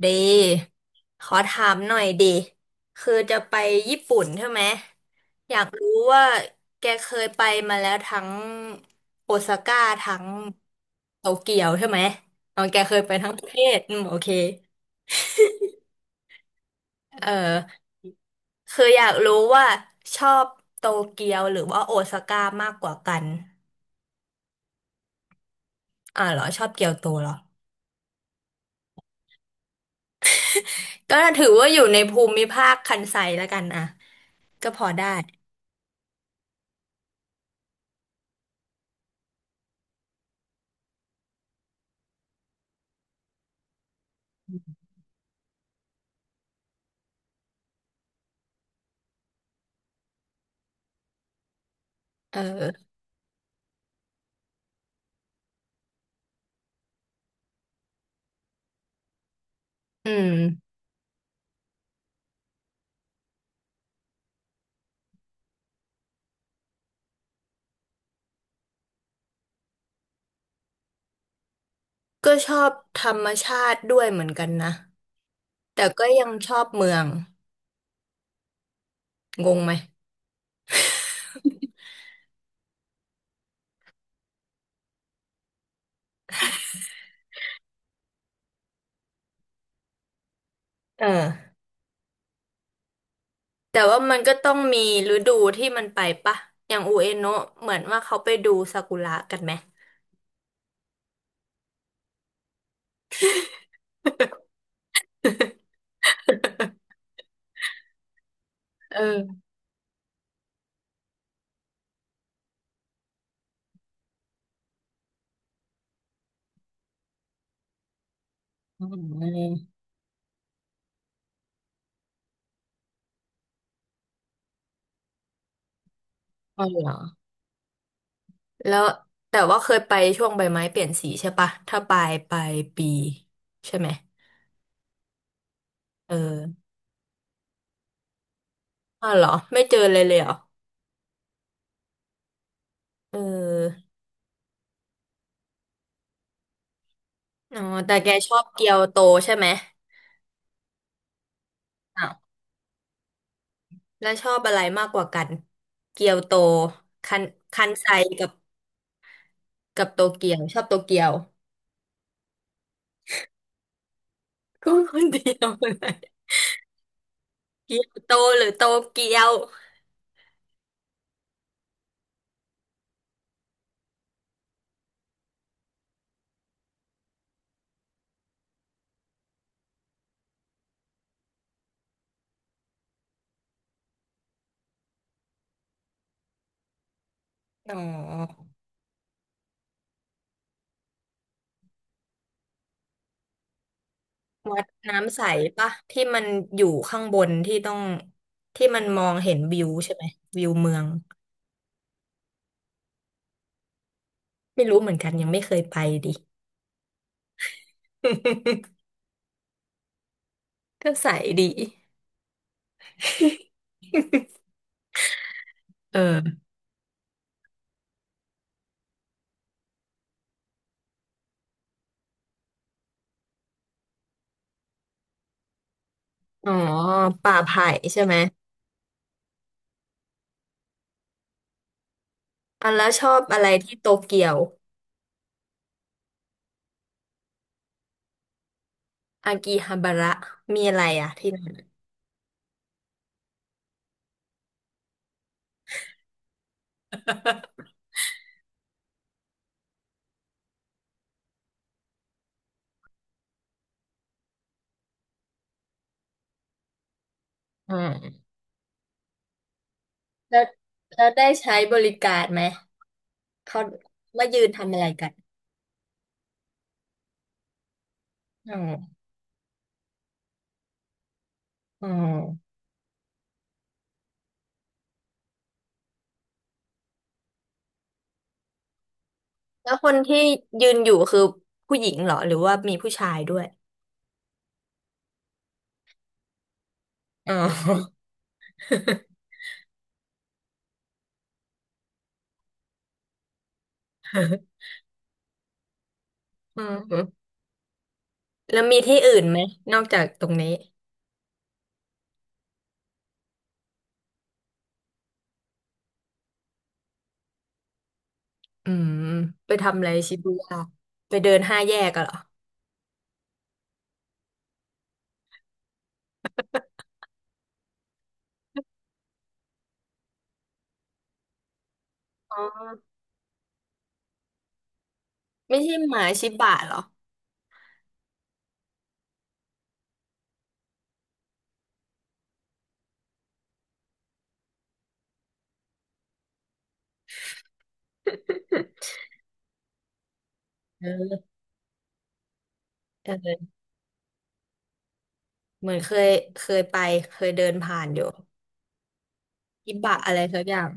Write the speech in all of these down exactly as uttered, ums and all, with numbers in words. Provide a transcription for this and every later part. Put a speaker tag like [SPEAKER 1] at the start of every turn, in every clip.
[SPEAKER 1] ดีขอถามหน่อยดิ คือจะไปญี่ปุ่นใช่ไหมอยากรู้ว่าแกเคยไปมาแล้วทั้งโอซาก้าทั้งโตเกียวใช่ไหมตอนแกเคยไปทั้งประเทศอืมโอเคเออคืออยากรู้ว่าชอบโตเกียวหรือว่าโอซาก้ามากกว่ากัน อ่าเหรอชอบเกียวโตเหรอก็ถือว่าอยู่ในภูมิภาคคันไซแล้วกันอ่ะก็พอได้เอออืม ก็ชอบธรรมชาติด้วยเหมือนกันนะแต่ก็ยังชอบเมืองงงไหมเออแต่ว่ามันก็ต้องมีฤดูที่มันไปปะอย่างอูเอโนะเหมือนว่าเขาไปดูซากุระกันไหมเอออืมอ๋อเหรอแล้วแต่ว่าเคยไปช่วงใบไม้เปลี่ยนสีใช่ปะถ้าปลายปลายปีใช่ไหมเอออ๋อเหรอไม่เจอเลยเลยเหรอเอออ๋อแต่แกชอบเกียวโตใช่ไหม แล้วชอบอะไรมากกว่ากันเกียวโตคันคันไซกับกับโตเกียวชอบโตเกียว ก็คนเดียวเลยเกียวโตหรือโตเกียวอ๋อวัดน้ำใสปะที่มันอยู่ข้างบนที่ต้องที่มันมองเห็นวิวใช่ไหมวิวเมืองไม่รู้เหมือนกันยังไม่เคยไปดิ ก็ใสดี เอออ๋อป่าไผ่ใช่ไหมอ่ะแล้วชอบอะไรที่โตเกียว อากิฮาบาระมีอะไรอ่ะที่นั่นอืมแล้วแล้วได้ใช้บริการไหมเขามายืนทำอะไรกันอืมอืมแล้วคนที่ยืนอยู่คือผู้หญิงเหรอหรือว่ามีผู้ชายด้วยอ๋อ อืมแล้วมีที่อื่นไหมนอกจากตรงนี้อืมไปทำอะไรชิบูย่าไปเดินห้าแยกกันเหรออ๋อไม่ใช่หมาชิบะเหรอเออเออเหมือนเคยเคยไปเคยเดินผ่านอยู่ อิบะอะไรสักอย่าง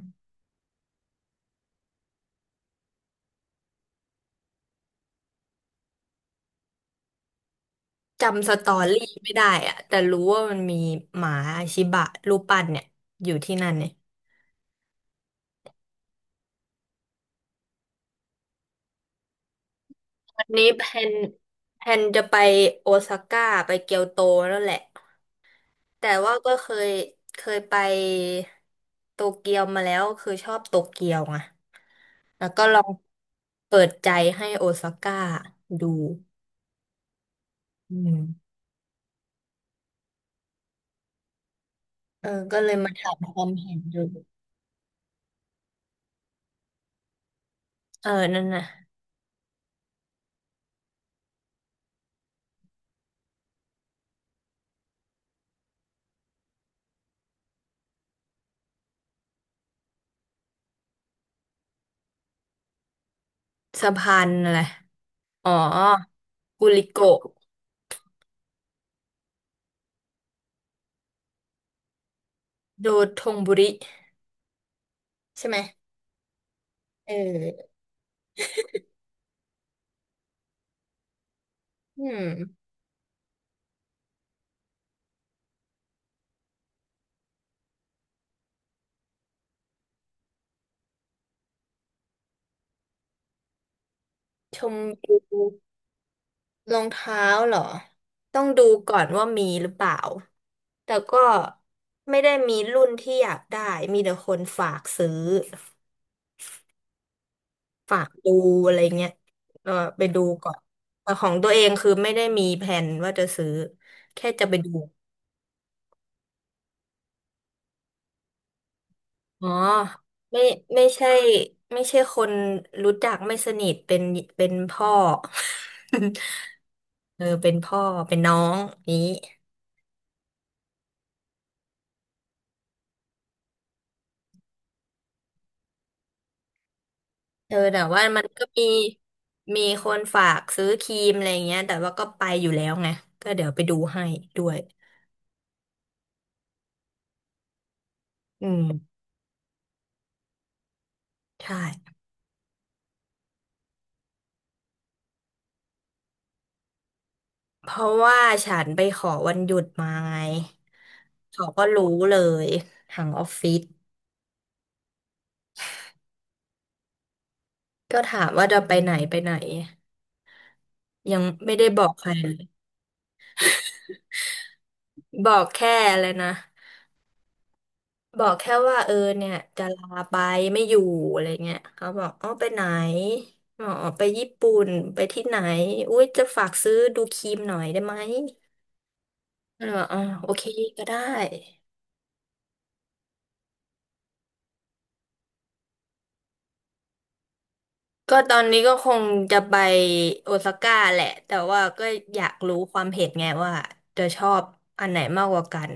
[SPEAKER 1] จำสตอรี่ไม่ได้อะแต่รู้ว่ามันมีหมาชิบะรูปปั้นเนี่ยอยู่ที่นั่นเนี่ยวันนี้แพนแพนจะไปโอซาก้าไปเกียวโตแล้วแหละแต่ว่าก็เคยเคยไปโตเกียวมาแล้วคือชอบโตเกียวไงแล้วก็ลองเปิดใจให้โอซาก้าดูอืมเออก็เลยมาถามความเห็นดูเออนั่นน่ะสะพานอะไรอ๋อกุริโกะ ดูทงบุริใช่ไหมเอออืมชมดูรองเท้าเหรอต้องดูก่อนว่ามีหรือเปล่าแต่ก็ไม่ได้มีรุ่นที่อยากได้มีแต่คนฝากซื้อฝากดูอะไรเงี้ยเออไปดูก่อนแต่ของตัวเองคือไม่ได้มีแผนว่าจะซื้อแค่จะไปดู อ๋อไม่ไม่ใช่ไม่ใช่คนรู้จักไม่สนิทเป็นเป็นพ่อ เออเป็นพ่อเป็นน้องนี้เออแต่ว่ามันก็มีมีคนฝากซื้อครีมอะไรเงี้ยแต่ว่าก็ไปอยู่แล้วไงก็เดี๋ยวไปดูให้ด้วยอืมใช่เพราะว่าฉันไปขอวันหยุดมาไงเขาก็รู้เลยทางออฟฟิศก็ถามว่าจะไปไหนไปไหนยังไม่ได้บอกใคร บอกแค่เลยนะบอกแค่ว่าเออเนี่ยจะลาไปไม่อยู่อะไรเงี้ยเขาบอกอ๋อไปไหนอ๋อไปญี่ปุ่นไปที่ไหนอุ้ยจะฝากซื้อดูครีมหน่อยได้ไหมก็เลยบอกอ๋อโอเคก็ได้ก็ตอนนี้ก็คงจะไปโอซาก้าแหละแต่ว่าก็อยากรู้ความเห็นไงว่าจะชอบอันไหนมากกว่ากัน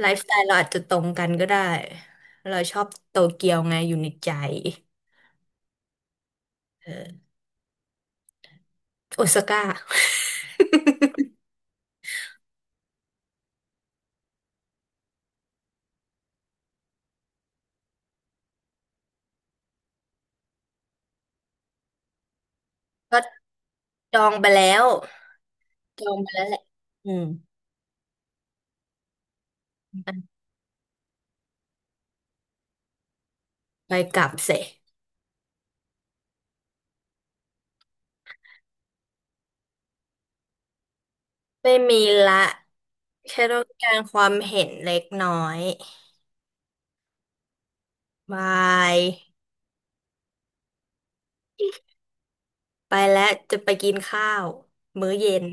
[SPEAKER 1] ไลฟ์สไตล์เราอาจจะตรงกันก็ได้เราชอบโตเกียวไงอยู่ในใจเออ โอซาก้า ก็จองไปแล้วจองไปแล้วแหละอืมไปกลับเสร็จไม่มีละแค่ต้องการความเห็นเล็กน้อยบายไปแล้วจะไปกินข้าวมื้อเย็น